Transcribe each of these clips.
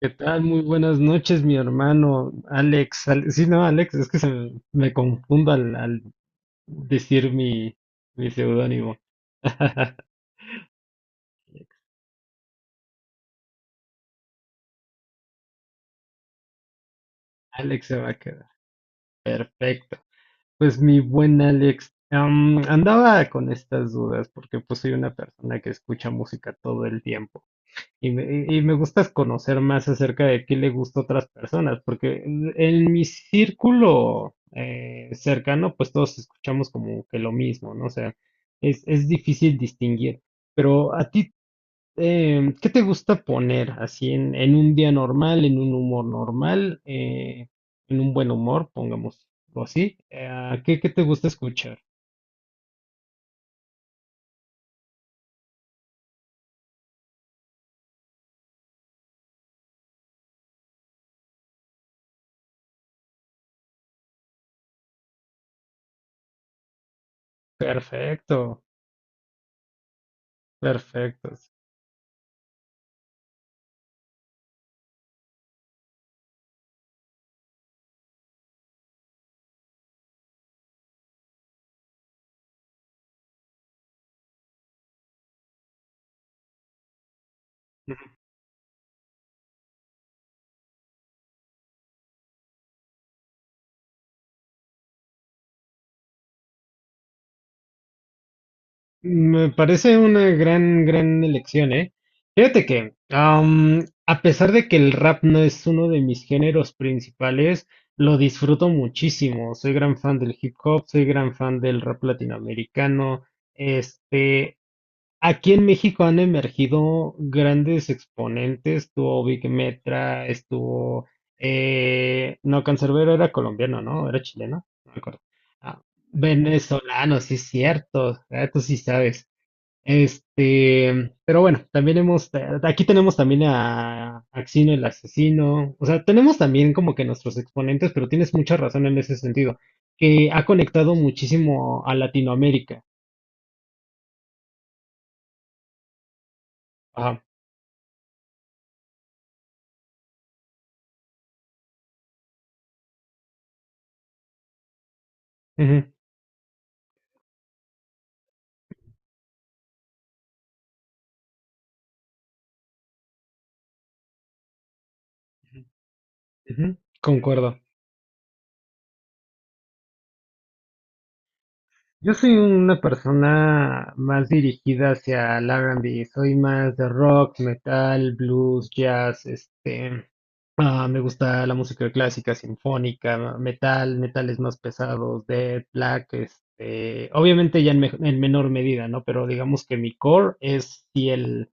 ¿Qué tal? Muy buenas noches, mi hermano Alex. Ale- sí, no, Alex, es que me confundo al decir mi seudónimo. Alex se va a quedar. Perfecto. Pues mi buen Alex, andaba con estas dudas porque pues soy una persona que escucha música todo el tiempo. Y me gusta conocer más acerca de qué le gusta a otras personas, porque en mi círculo cercano, pues todos escuchamos como que lo mismo, ¿no? O sea, es difícil distinguir. Pero a ti, ¿qué te gusta poner así en un día normal, en un humor normal, en un buen humor, pongámoslo así? ¿ qué te gusta escuchar? Perfecto, perfecto. Me parece una gran elección, ¿eh? Fíjate que, a pesar de que el rap no es uno de mis géneros principales, lo disfruto muchísimo. Soy gran fan del hip hop, soy gran fan del rap latinoamericano. Este, aquí en México han emergido grandes exponentes. Estuvo Vic Metra, estuvo, no, Canserbero era colombiano, ¿no? Era chileno, no me acuerdo. Ah, venezolano, sí es cierto, ah, tú sí sabes. Este, pero bueno, también aquí tenemos también a Axino el Asesino, o sea, tenemos también como que nuestros exponentes, pero tienes mucha razón en ese sentido, que ha conectado muchísimo a Latinoamérica. Ajá, ujú, ujú, concuerdo. Yo soy una persona más dirigida hacia el R&B, soy más de rock, metal, blues, jazz, este, ah, me gusta la música clásica, sinfónica, metal, metales más pesados, death, black, este, obviamente ya en menor medida, ¿no? Pero digamos que mi core es sí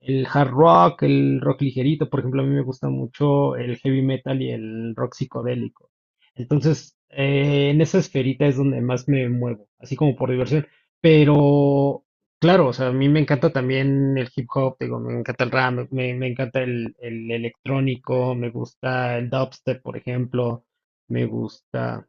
el hard rock, el rock ligerito. Por ejemplo, a mí me gusta mucho el heavy metal y el rock psicodélico. Entonces, en esa esferita es donde más me muevo, así como por diversión. Pero, claro, o sea, a mí me encanta también el hip hop, digo, me encanta el rap, me encanta el electrónico, me gusta el dubstep, por ejemplo, me gusta...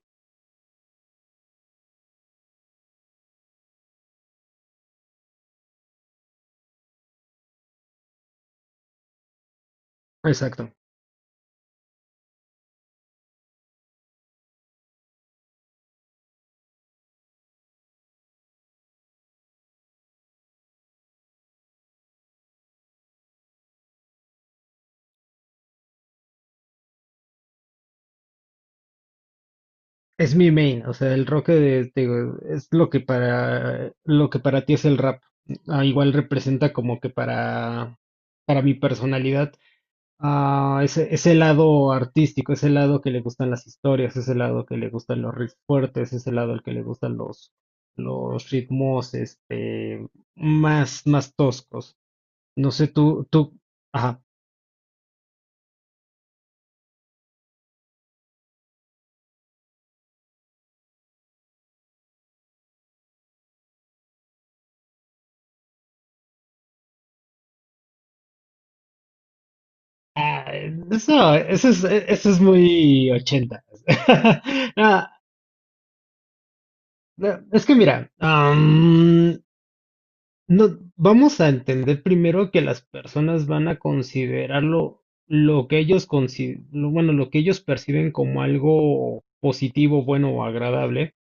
Exacto. Es mi main, o sea, el rock te digo, es lo que para ti es el rap. Ah, igual representa como que para mi personalidad ese, ese lado artístico, ese lado que le gustan las historias, ese lado que le gustan los riffs fuertes, ese lado al que le gustan los ritmos este más toscos. No sé, tú ajá. Ah, eso, eso es muy 80. Es que mira, no, vamos a entender primero que las personas van a considerarlo lo que ellos consi- lo- bueno, lo que ellos perciben como algo positivo, bueno o agradable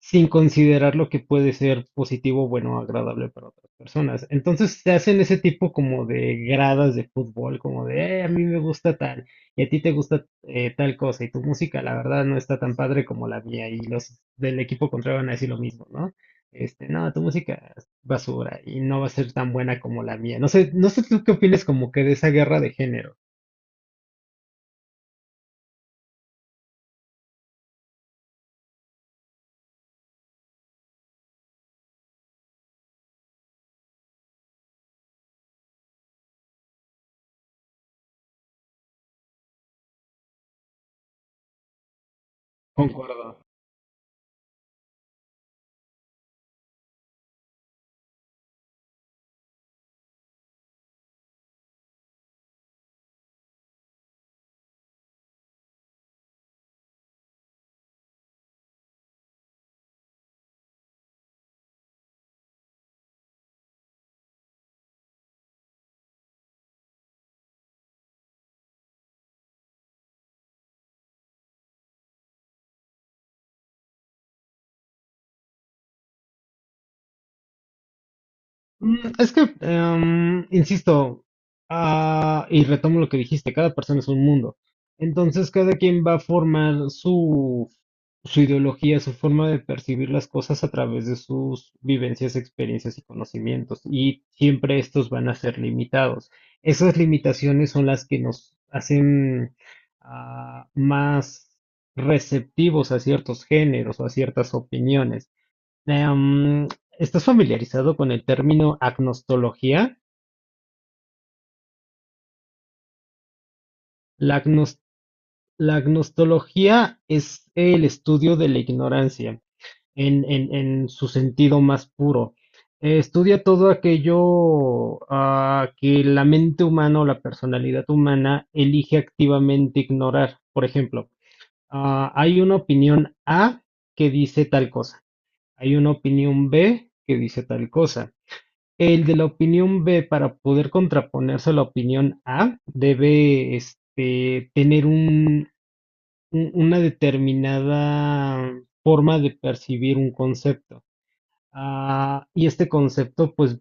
sin considerar lo que puede ser positivo, bueno, agradable para otras personas. Entonces se hacen ese tipo como de gradas de fútbol, como de, a mí me gusta tal, y a ti te gusta tal cosa, y tu música, la verdad, no está tan padre como la mía, y los del equipo contrario van a decir lo mismo, ¿no? Este, no, tu música es basura y no va a ser tan buena como la mía. No sé, no sé tú qué opinas como que de esa guerra de género. Concuerdo. Mm, es que, insisto, y retomo lo que dijiste, cada persona es un mundo. Entonces, cada quien va a formar su ideología, su forma de percibir las cosas a través de sus vivencias, experiencias y conocimientos. Y siempre estos van a ser limitados. Esas limitaciones son las que nos hacen más receptivos a ciertos géneros o a ciertas opiniones. Em, ¿Estás familiarizado con el término agnostología? La, agnos- la agnostología es el estudio de la ignorancia en su sentido más puro. Estudia todo aquello que la mente humana o la personalidad humana elige activamente ignorar. Por ejemplo, hay una opinión A que dice tal cosa, hay una opinión B que dice tal cosa. El de la opinión B, para poder contraponerse a la opinión A, debe este, tener una determinada forma de percibir un concepto. Ah, y este concepto, pues,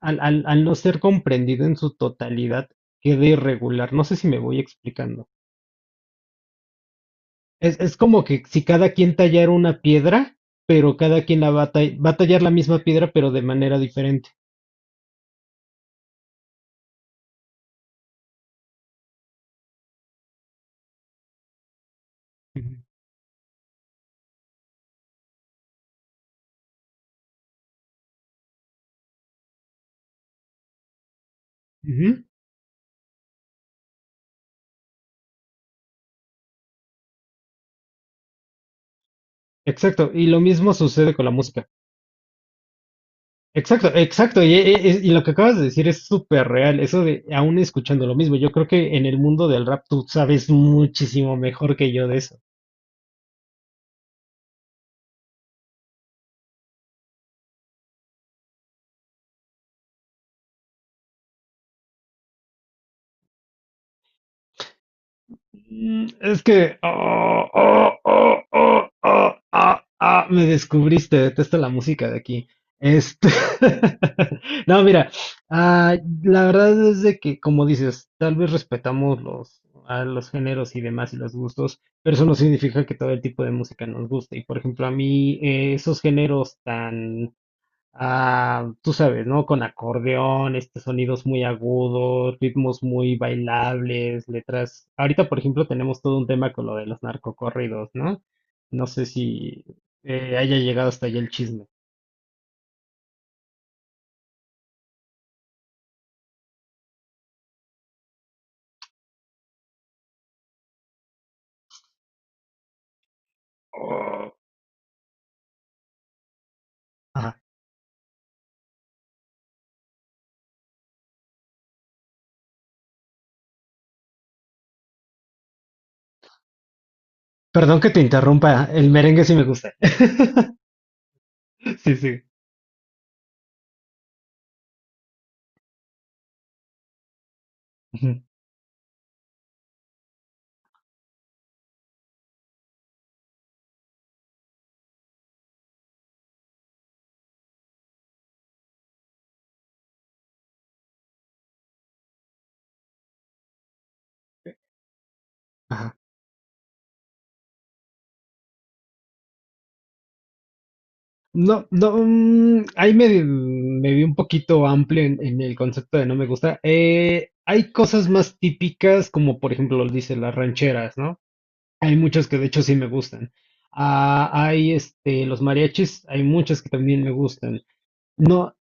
al no ser comprendido en su totalidad, queda irregular. No sé si me voy explicando. Es como que si cada quien tallara una piedra, pero cada quien la va a tallar la misma piedra, pero de manera diferente. Ujú. Ujú. Exacto, y lo mismo sucede con la música. Exacto, exacto. Y, y lo que acabas de decir es súper real. Eso de aún escuchando lo mismo. Yo creo que en el mundo del rap tú sabes muchísimo mejor que yo de eso. Mm, es que oh, oh, oh, oh, oh, ah, ah, me descubriste, detesto la música de aquí. Este, no, mira, ah, la verdad es de que, como dices, tal vez respetamos a los géneros y demás y los gustos, pero eso no significa que todo el tipo de música nos guste. Y por ejemplo, a mí esos géneros tan ah, tú sabes, ¿no? Con acordeón, estos sonidos muy agudos, ritmos muy bailables, letras. Ahorita, por ejemplo, tenemos todo un tema con lo de los narcocorridos, ¿no? No sé si haya llegado hasta allá el chisme. Oh, ajá. Perdón que te interrumpa, el merengue sí me gusta. Sí, sí. Ujú. No, no, mm, ahí me vi un poquito amplio en el concepto de no me gusta. Hay cosas más típicas, como por ejemplo, dice las rancheras, ¿no? Hay muchas que de hecho sí me gustan. Ah, hay este, los mariachis, hay muchas que también me gustan. No,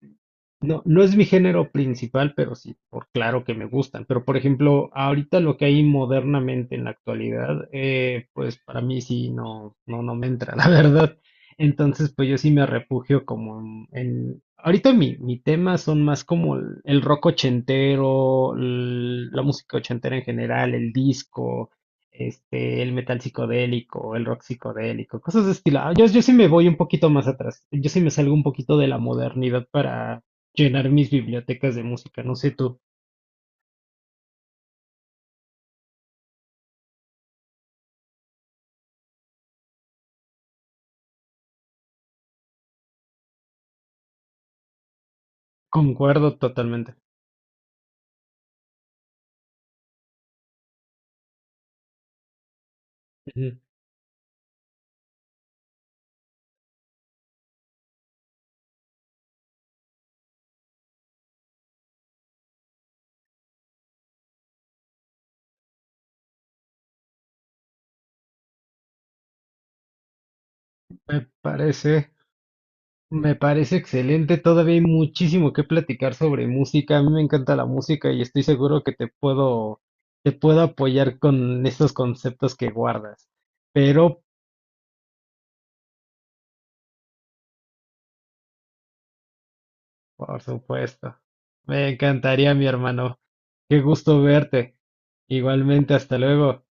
no, no es mi género principal, pero sí, por claro que me gustan. Pero por ejemplo, ahorita lo que hay modernamente en la actualidad, pues para mí sí no, no, no me entra, la verdad. Entonces, pues yo sí me refugio como ahorita mi tema son más como el rock ochentero, la música ochentera en general, el disco, este, el metal psicodélico, el rock psicodélico, cosas de estilo. Ah, yo sí me voy un poquito más atrás. Yo sí me salgo un poquito de la modernidad para llenar mis bibliotecas de música, no sé tú, concuerdo totalmente. Ujú. Me parece, me parece excelente, todavía hay muchísimo que platicar sobre música, a mí me encanta la música y estoy seguro que te te puedo apoyar con estos conceptos que guardas, pero por supuesto, me encantaría, mi hermano, qué gusto verte, igualmente, hasta luego.